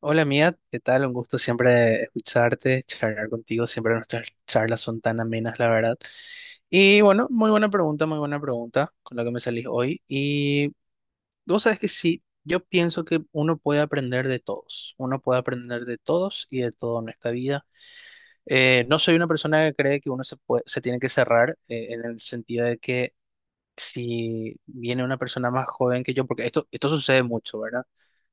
Hola Mía, ¿qué tal? Un gusto siempre escucharte, charlar contigo. Siempre nuestras charlas son tan amenas, la verdad. Y bueno, muy buena pregunta con la que me salís hoy. Y vos sabes que sí, yo pienso que uno puede aprender de todos. Uno puede aprender de todos y de todo en esta vida. No soy una persona que cree que uno se tiene que cerrar en el sentido de que si viene una persona más joven que yo, porque esto sucede mucho, ¿verdad?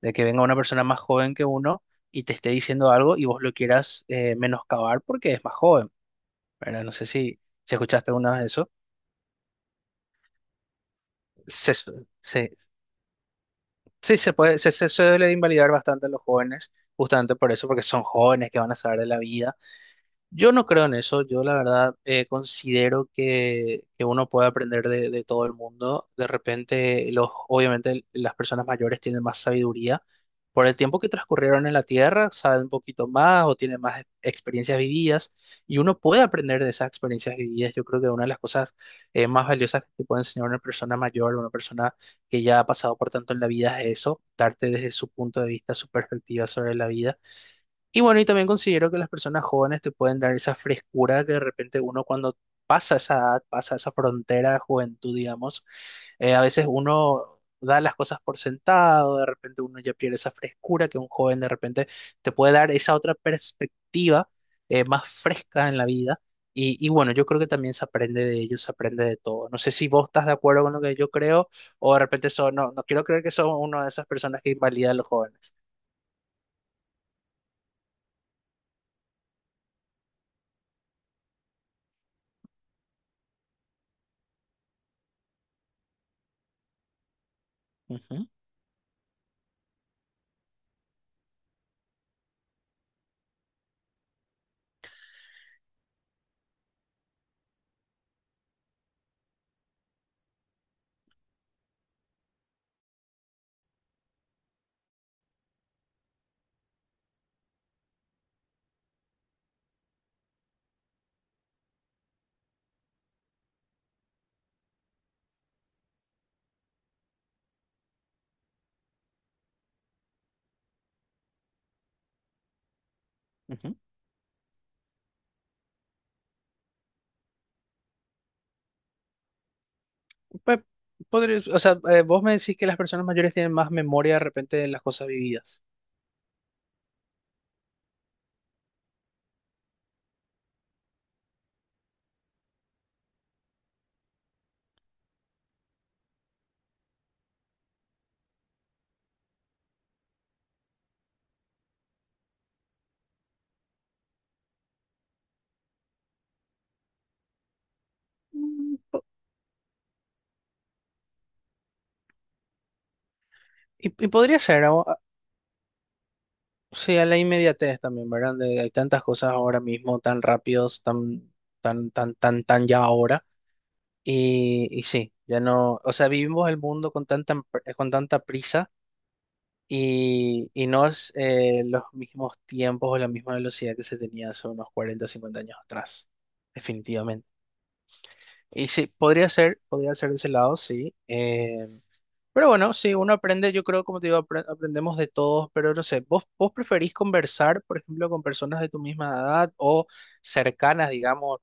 De que venga una persona más joven que uno y te esté diciendo algo y vos lo quieras menoscabar porque es más joven, ¿verdad? No sé si escuchaste alguna vez eso. Se, su- se- sí, se puede, se suele invalidar bastante a los jóvenes, justamente por eso, porque son jóvenes que van a saber de la vida. Yo no creo en eso, yo la verdad considero que uno puede aprender de todo el mundo. De repente, obviamente las personas mayores tienen más sabiduría por el tiempo que transcurrieron en la Tierra, saben un poquito más o tienen más experiencias vividas y uno puede aprender de esas experiencias vividas. Yo creo que una de las cosas más valiosas que te puede enseñar una persona mayor, una persona que ya ha pasado por tanto en la vida es eso, darte desde su punto de vista, su perspectiva sobre la vida. Y bueno, y también considero que las personas jóvenes te pueden dar esa frescura que de repente uno cuando pasa esa edad, pasa esa frontera de juventud, digamos, a veces uno da las cosas por sentado, de repente uno ya pierde esa frescura que un joven de repente te puede dar esa otra perspectiva más fresca en la vida. Y bueno, yo creo que también se aprende de ellos, se aprende de todo. No sé si vos estás de acuerdo con lo que yo creo o de repente no, no quiero creer que son una de esas personas que invalidan a los jóvenes. Ujú, ujú. Pues, o sea, vos me decís que las personas mayores tienen más memoria de repente de las cosas vividas. Y podría ser, o sea, la inmediatez también, ¿verdad? De- hay tantas cosas ahora mismo, tan rápidos, tan ya ahora. Y sí, ya no, o sea, vivimos el mundo con con tanta prisa y no es los mismos tiempos o la misma velocidad que se tenía hace unos 40 o 50 años atrás, definitivamente. Y sí, podría ser de ese lado, sí. Pero bueno, sí, uno aprende, yo creo, como te digo, aprendemos de todos, pero no sé, ¿vos preferís conversar, por ejemplo, con personas de tu misma edad o cercanas, digamos,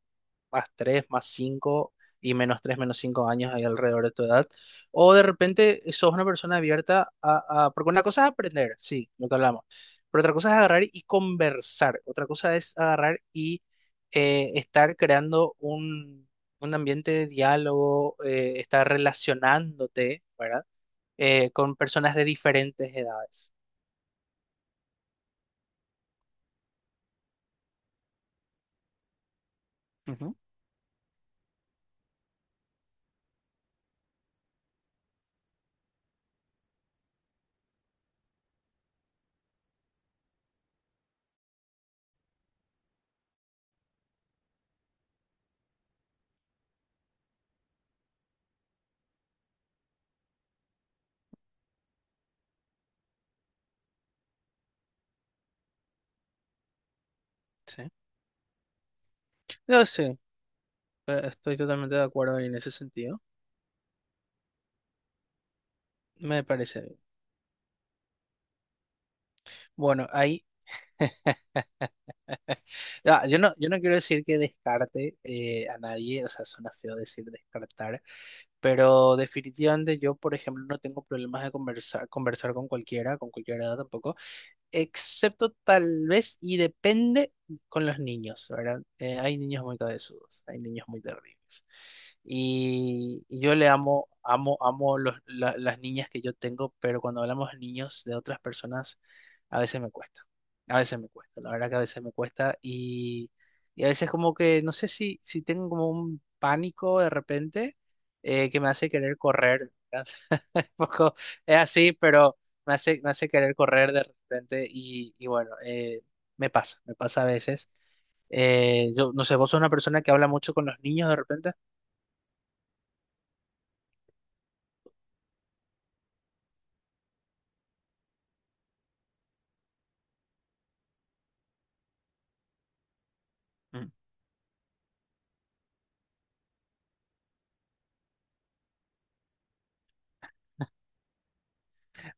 más 3 más 5 y menos 3 menos 5 años ahí alrededor de tu edad? O de repente sos una persona abierta porque una cosa es aprender, sí, lo que hablamos, pero otra cosa es agarrar y conversar, otra cosa es agarrar y estar creando un ambiente de diálogo, estar relacionándote, ¿verdad? Con personas de diferentes edades. Ujú, sí. Yo sí, estoy totalmente de acuerdo en ese sentido. Me parece bien. Bueno, ahí, ah, yo no quiero decir que descarte a nadie, o sea, suena feo decir descartar, pero definitivamente yo, por ejemplo, no tengo problemas de conversar con cualquiera, con cualquier edad tampoco. Excepto tal vez y depende con los niños, ¿verdad? Hay niños muy cabezudos, hay niños muy terribles. Y yo le amo, amo, amo las niñas que yo tengo, pero cuando hablamos de niños de otras personas, a veces me cuesta, a veces me cuesta, la verdad que a veces me cuesta y a veces como que no sé si tengo como un pánico de repente que me hace querer correr, ¿verdad? poco es así, pero me hace querer correr de repente y bueno, me pasa a veces. Yo no sé, vos sos una persona que habla mucho con los niños de repente. Mm.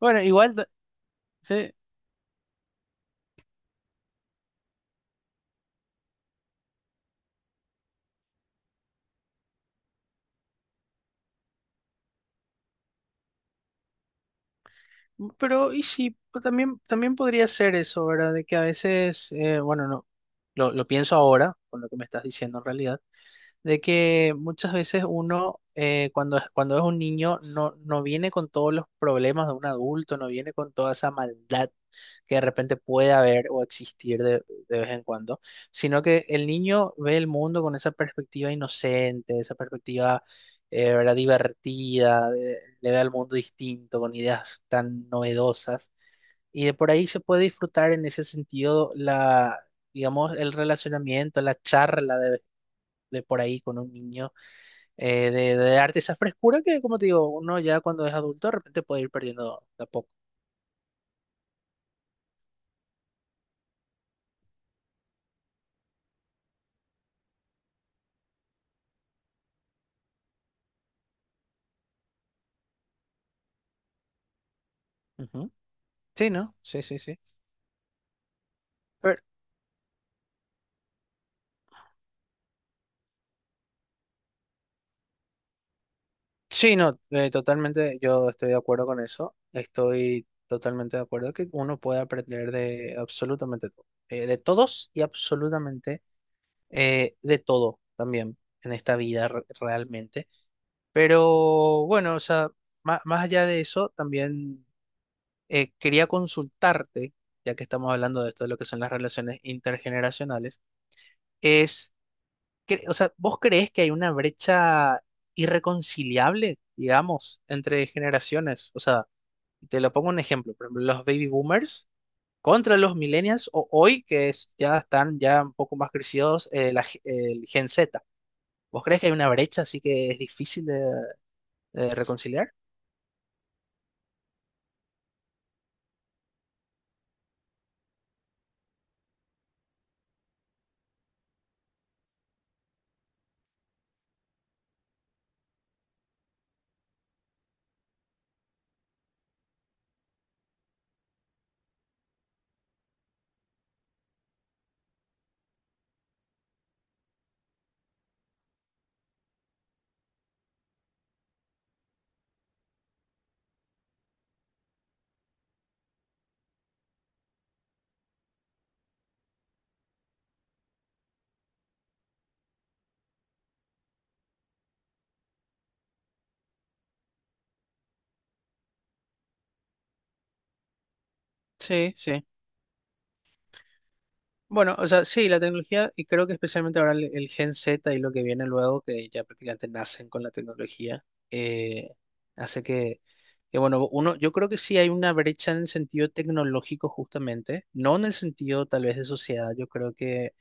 Bueno, igual, sí, pero y sí, pues también, también podría ser eso, ¿verdad? De que a veces, bueno, no, lo pienso ahora, con lo que me estás diciendo en realidad. De que muchas veces uno cuando es un niño no, no viene con todos los problemas de un adulto, no viene con toda esa maldad que de repente puede haber o existir de vez en cuando, sino que el niño ve el mundo con esa perspectiva inocente, esa perspectiva ¿verdad? Divertida, le ve al mundo distinto, con ideas tan novedosas. Y de por ahí se puede disfrutar en ese sentido digamos, el relacionamiento, la charla de por ahí con un niño, de darte esa frescura que, como te digo, uno ya cuando es adulto de repente puede ir perdiendo de a poco. Ujú. Sí, ¿no? Sí, sí, sí. Pero, sí, no, totalmente yo estoy de acuerdo con eso. Estoy totalmente de acuerdo que uno puede aprender de absolutamente todo. De todos y absolutamente de todo también en esta vida realmente. Pero bueno, o sea, más allá de eso, también. Quería consultarte, ya que estamos hablando de esto, de lo que son las relaciones intergeneracionales, es, que, o sea, ¿vos creés que hay una brecha irreconciliable, digamos, entre generaciones? O sea, te lo pongo un ejemplo, por ejemplo, los baby boomers contra los millennials o hoy, que es, ya están ya un poco más crecidos, el Gen Z. ¿Vos crees que hay una brecha así que es difícil de reconciliar? Sí, sí. Bueno, o sea, sí, la tecnología, y creo que especialmente ahora el Gen Z y lo que viene luego, que ya prácticamente nacen con la tecnología, eh, hace que, bueno, uno, yo creo que sí hay una brecha en el sentido tecnológico justamente, no en el sentido tal vez de sociedad, yo creo que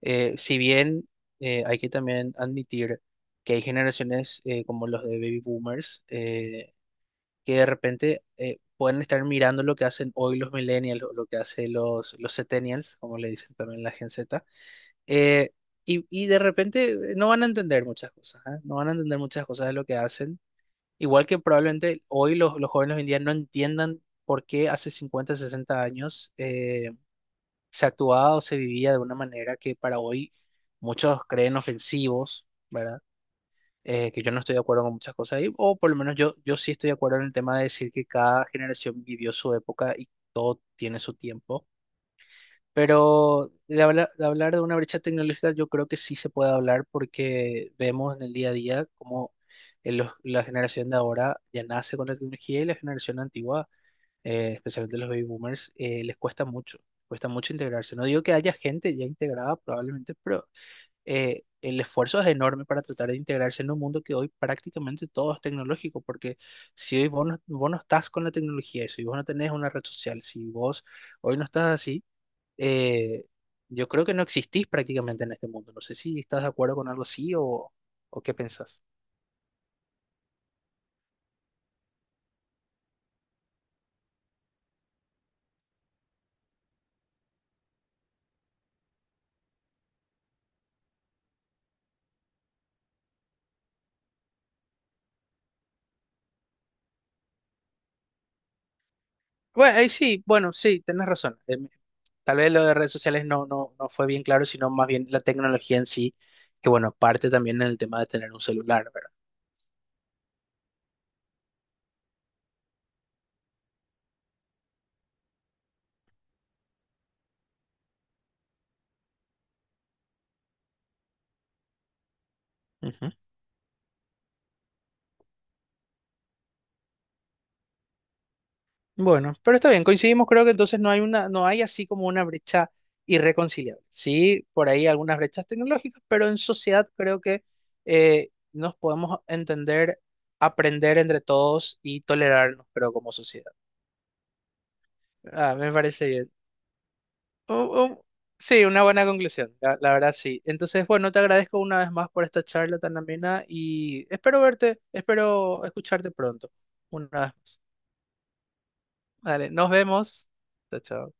si bien hay que también admitir que hay generaciones como los de baby boomers, que de repente pueden estar mirando lo que hacen hoy los millennials, o lo que hacen los centennials, como le dicen también la Gen Z, eh, y de repente no van a entender muchas cosas, ¿eh? No van a entender muchas cosas de lo que hacen. Igual que probablemente hoy los jóvenes hoy en día no entiendan por qué hace 50, 60 años se actuaba o se vivía de una manera que para hoy muchos creen ofensivos. ¿Verdad? Que yo no estoy de acuerdo con muchas cosas ahí, o por lo menos yo, yo sí estoy de acuerdo en el tema de decir que cada generación vivió su época y todo tiene su tiempo. Pero de hablar, de hablar de una brecha tecnológica, yo creo que sí se puede hablar porque vemos en el día a día cómo la generación de ahora ya nace con la tecnología y la generación antigua, especialmente los baby boomers, les cuesta mucho integrarse. No digo que haya gente ya integrada probablemente, pero el esfuerzo es enorme para tratar de integrarse en un mundo que hoy prácticamente todo es tecnológico, porque si hoy vos no estás con la tecnología, si vos no tenés una red social, si vos hoy no estás así, eh, yo creo que no existís prácticamente en este mundo. No sé si estás de acuerdo con algo así o qué pensás. Bueno, ahí sí, bueno, sí, tenés razón. Tal vez lo de redes sociales no, no, no fue bien claro, sino más bien la tecnología en sí, que bueno, parte también en el tema de tener un celular, ¿verdad? Bueno, pero está bien, coincidimos, creo que entonces no hay no hay así como una brecha irreconciliable. Sí, por ahí algunas brechas tecnológicas, pero en sociedad creo que nos podemos entender, aprender entre todos y tolerarnos, creo, como sociedad. Ah, me parece bien. U- u- sí, una buena conclusión, la verdad sí. Entonces, bueno, te agradezco una vez más por esta charla tan amena y espero verte, espero escucharte pronto. Una vez más. Dale, nos vemos. Chao, chao.